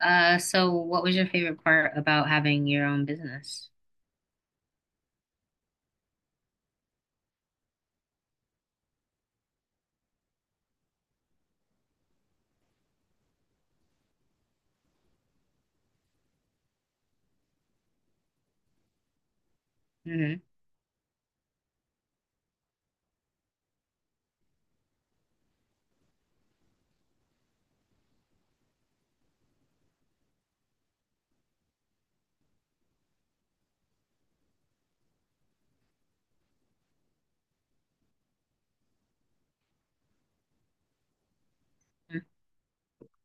So what was your favorite part about having your own business? Mm-hmm.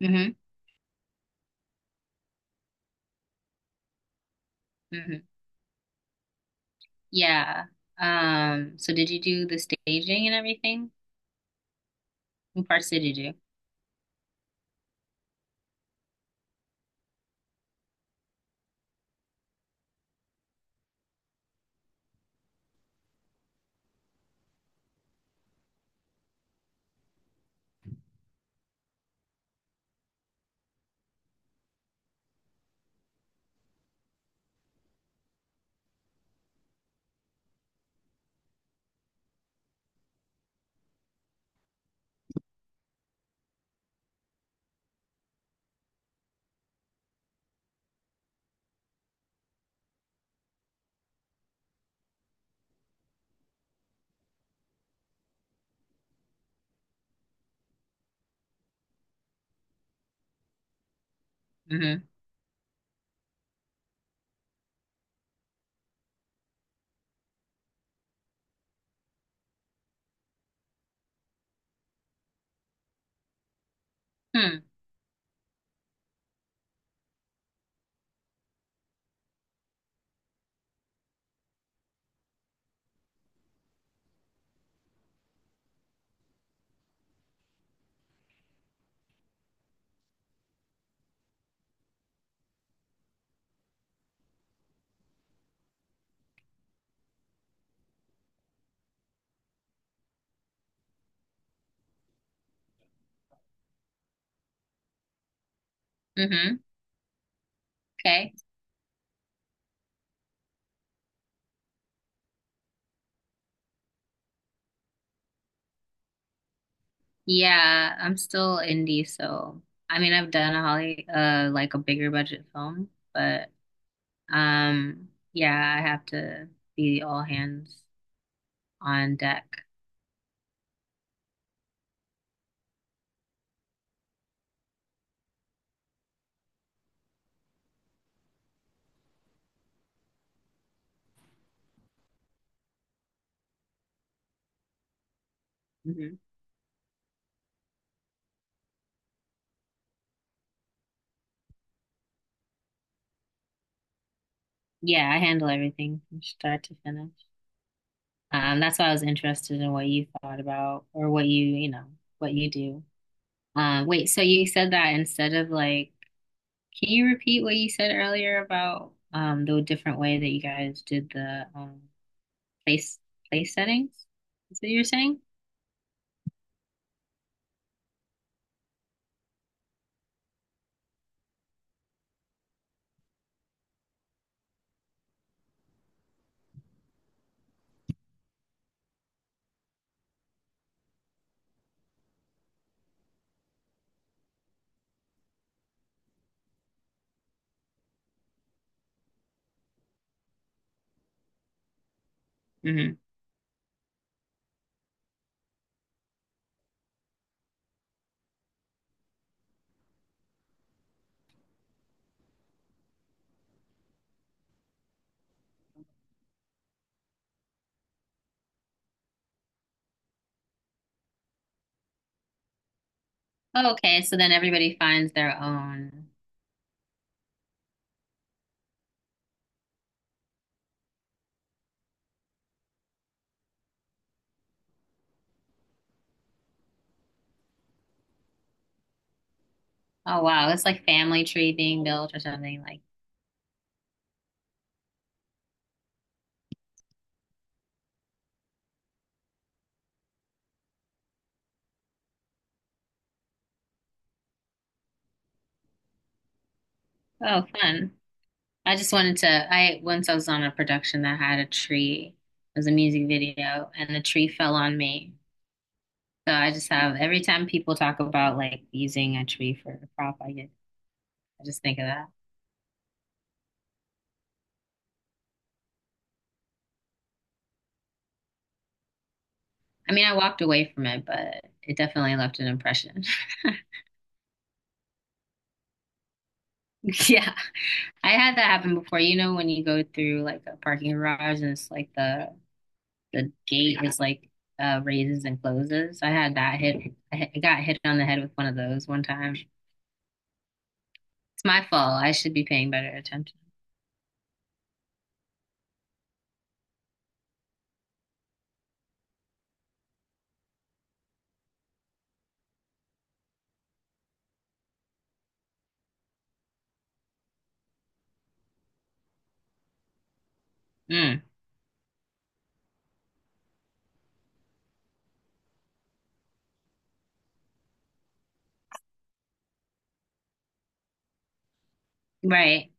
Mm-hmm. Mm-hmm. Yeah. So did you do the staging and everything? What parts did you do? Mm-hmm. Hmm. Mm-hmm. Okay. Yeah, I'm still indie, so I mean I've done a Holly like a bigger budget film, but yeah, I have to be all hands on deck. Hmm. Yeah, I handle everything from start to finish. That's why I was interested in what you thought about or what you do. Wait, so you said that instead of like, can you repeat what you said earlier about the different way that you guys did the place place settings? Is what you were saying? Mm-hmm. Oh, okay, so then everybody finds their own. Oh wow, it's like family tree being built or something like. Oh, fun. I just wanted to. I was on a production that had a tree. It was a music video, and the tree fell on me. So I just have every time people talk about like using a tree for a prop, I just think of that. I mean, I walked away from it, but it definitely left an impression. Yeah. I had that happen before. You know, when you go through like a parking garage, and it's like the gate is like raises and closes. I had that hit- I got hit on the head with one of those one time. It's my fault. I should be paying better attention. Mm. Right.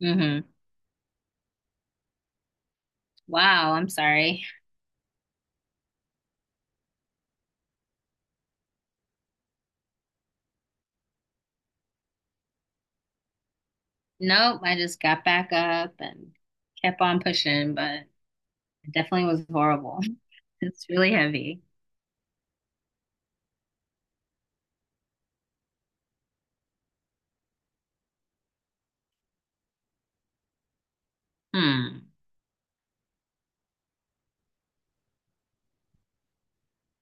Mm-hmm. Wow, I'm sorry. Nope, I just got back up and kept on pushing, but it definitely was horrible. It's really heavy. Hmm.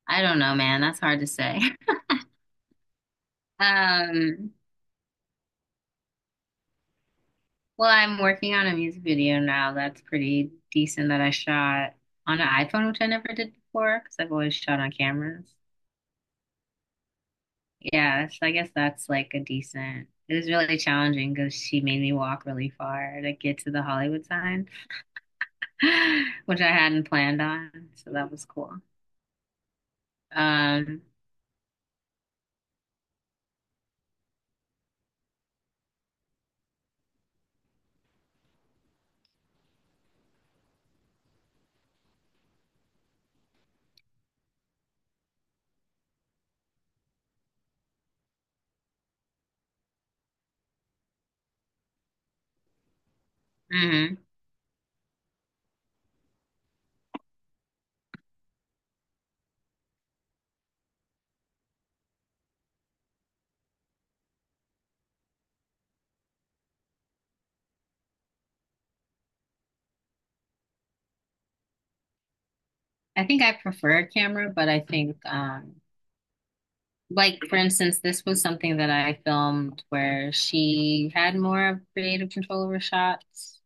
I don't know, man. That's hard to say. Um, well, I'm working on a music video now that's pretty decent that I shot on an iPhone, which I never did before because I've always shot on cameras. Yeah, so I guess that's like a decent. It was really challenging because she made me walk really far to get to the Hollywood sign, which I hadn't planned on. So that was cool. Um, mhm. I think I prefer camera, but I think, like, for instance, this was something that I filmed where she had more of creative control over shots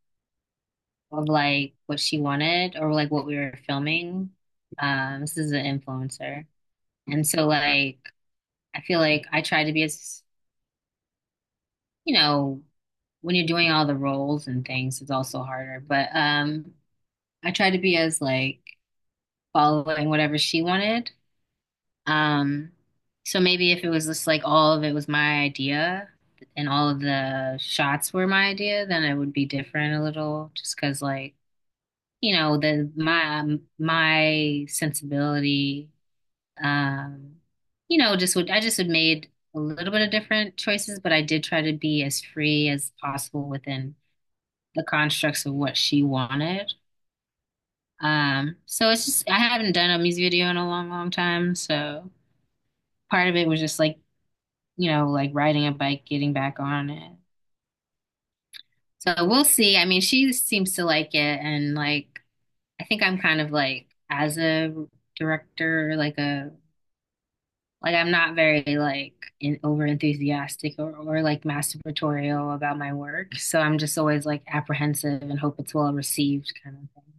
of like what she wanted or like what we were filming. This is an influencer, and so like, I feel like I tried to be as, you know, when you're doing all the roles and things, it's also harder. But I tried to be as like following whatever she wanted. Um, so maybe if it was just like all of it was my idea and all of the shots were my idea, then it would be different a little just 'cause like, you know, the my my sensibility, um just would I just would made a little bit of different choices, but I did try to be as free as possible within the constructs of what she wanted. So it's just I haven't done a music video in a long, long time, so part of it was just like, like riding a bike, getting back on it. So we'll see. I mean, she seems to like it, and like, I think I'm kind of like, as a director, like, a like I'm not very like over enthusiastic, or like masturbatorial about my work. So I'm just always like apprehensive and hope it's well received, kind of thing.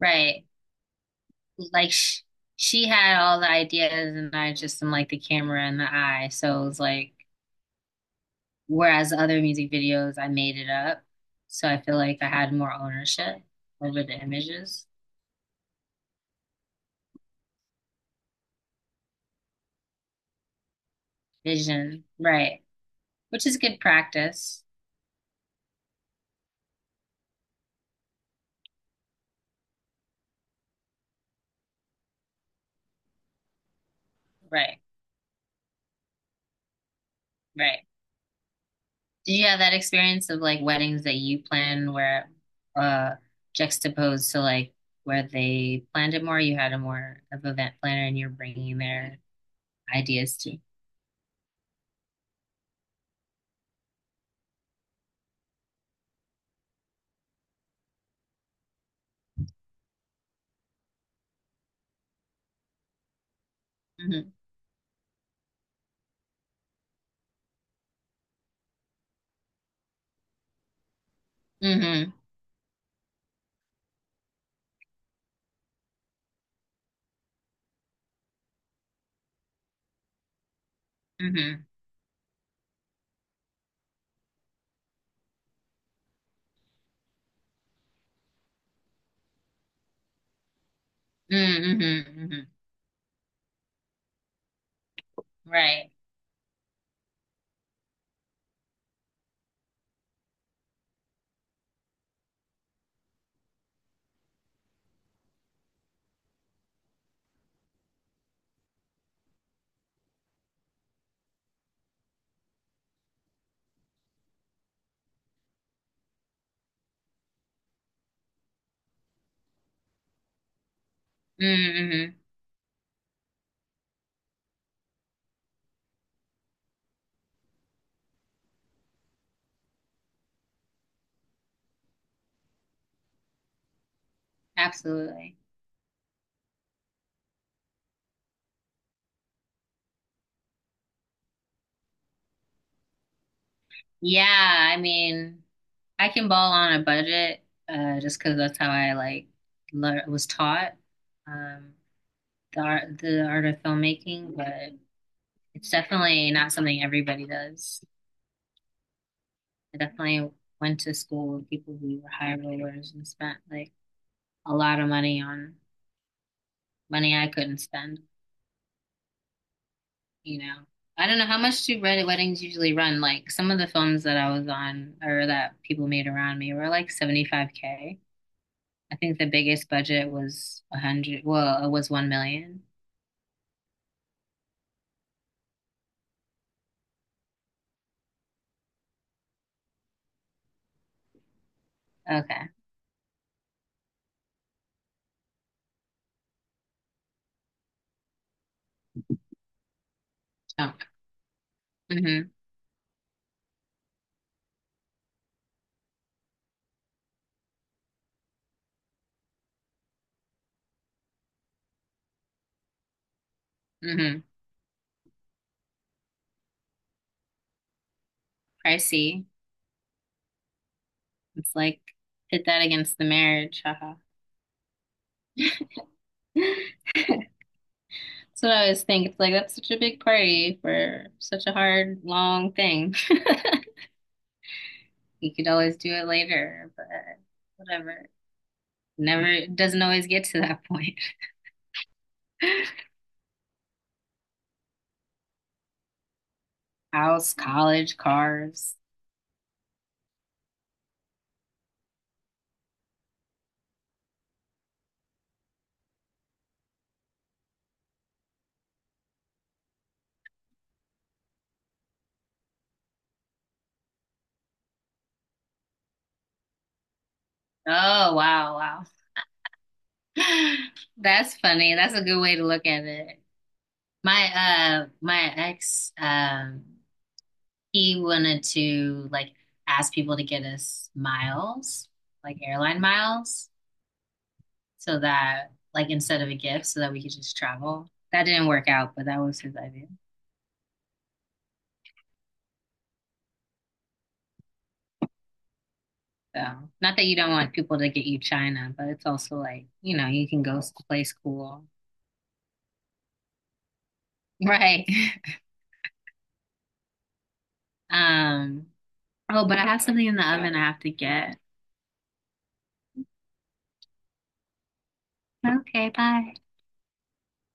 Right. Like, sh she had all the ideas, and I just am like the camera and the eye. So it was like, whereas other music videos, I made it up. So I feel like I had more ownership over the images, vision, right? Which is good practice. Right, right. Did you have that experience of like weddings that you plan where uh juxtaposed to like where they planned it more, you had a more of event planner and you're bringing their ideas to. Mm-hmm. Mm-hmm. Mm-hmm. Mm-hmm. Mm-hmm. Mm-hmm. Right. Mm-hmm. Absolutely. Yeah, I mean, I can ball on a budget, just because that's how I like lear was taught, um, the art of filmmaking. But it's definitely not something everybody does. I definitely went to school with people who were high rollers and spent like a lot of money on money I couldn't spend. You know, I don't know how much do red weddings usually run. Like some of the films that I was on or that people made around me were like 75K. I think the biggest budget was 100. Well, it was 1 million. Okay. Chunk. Mm-hmm. Mm-hmm. Pricey. It's like hit that against the marriage. Haha. That's what I always think. It's like, that's such a big party for such a hard, long thing. You could always do it later, but whatever. Never It doesn't always get to that point. House, college, cars. Oh wow, wow. That's funny. That's a good way to look at it. My my ex he wanted to like ask people to get us miles, like airline miles, so that like instead of a gift so that we could just travel. That didn't work out, but that was his idea. So, not that you don't want people to get you China, but it's also like, you can go someplace cool. Right. Um, oh, but I have something in the oven I have to get. Okay, bye.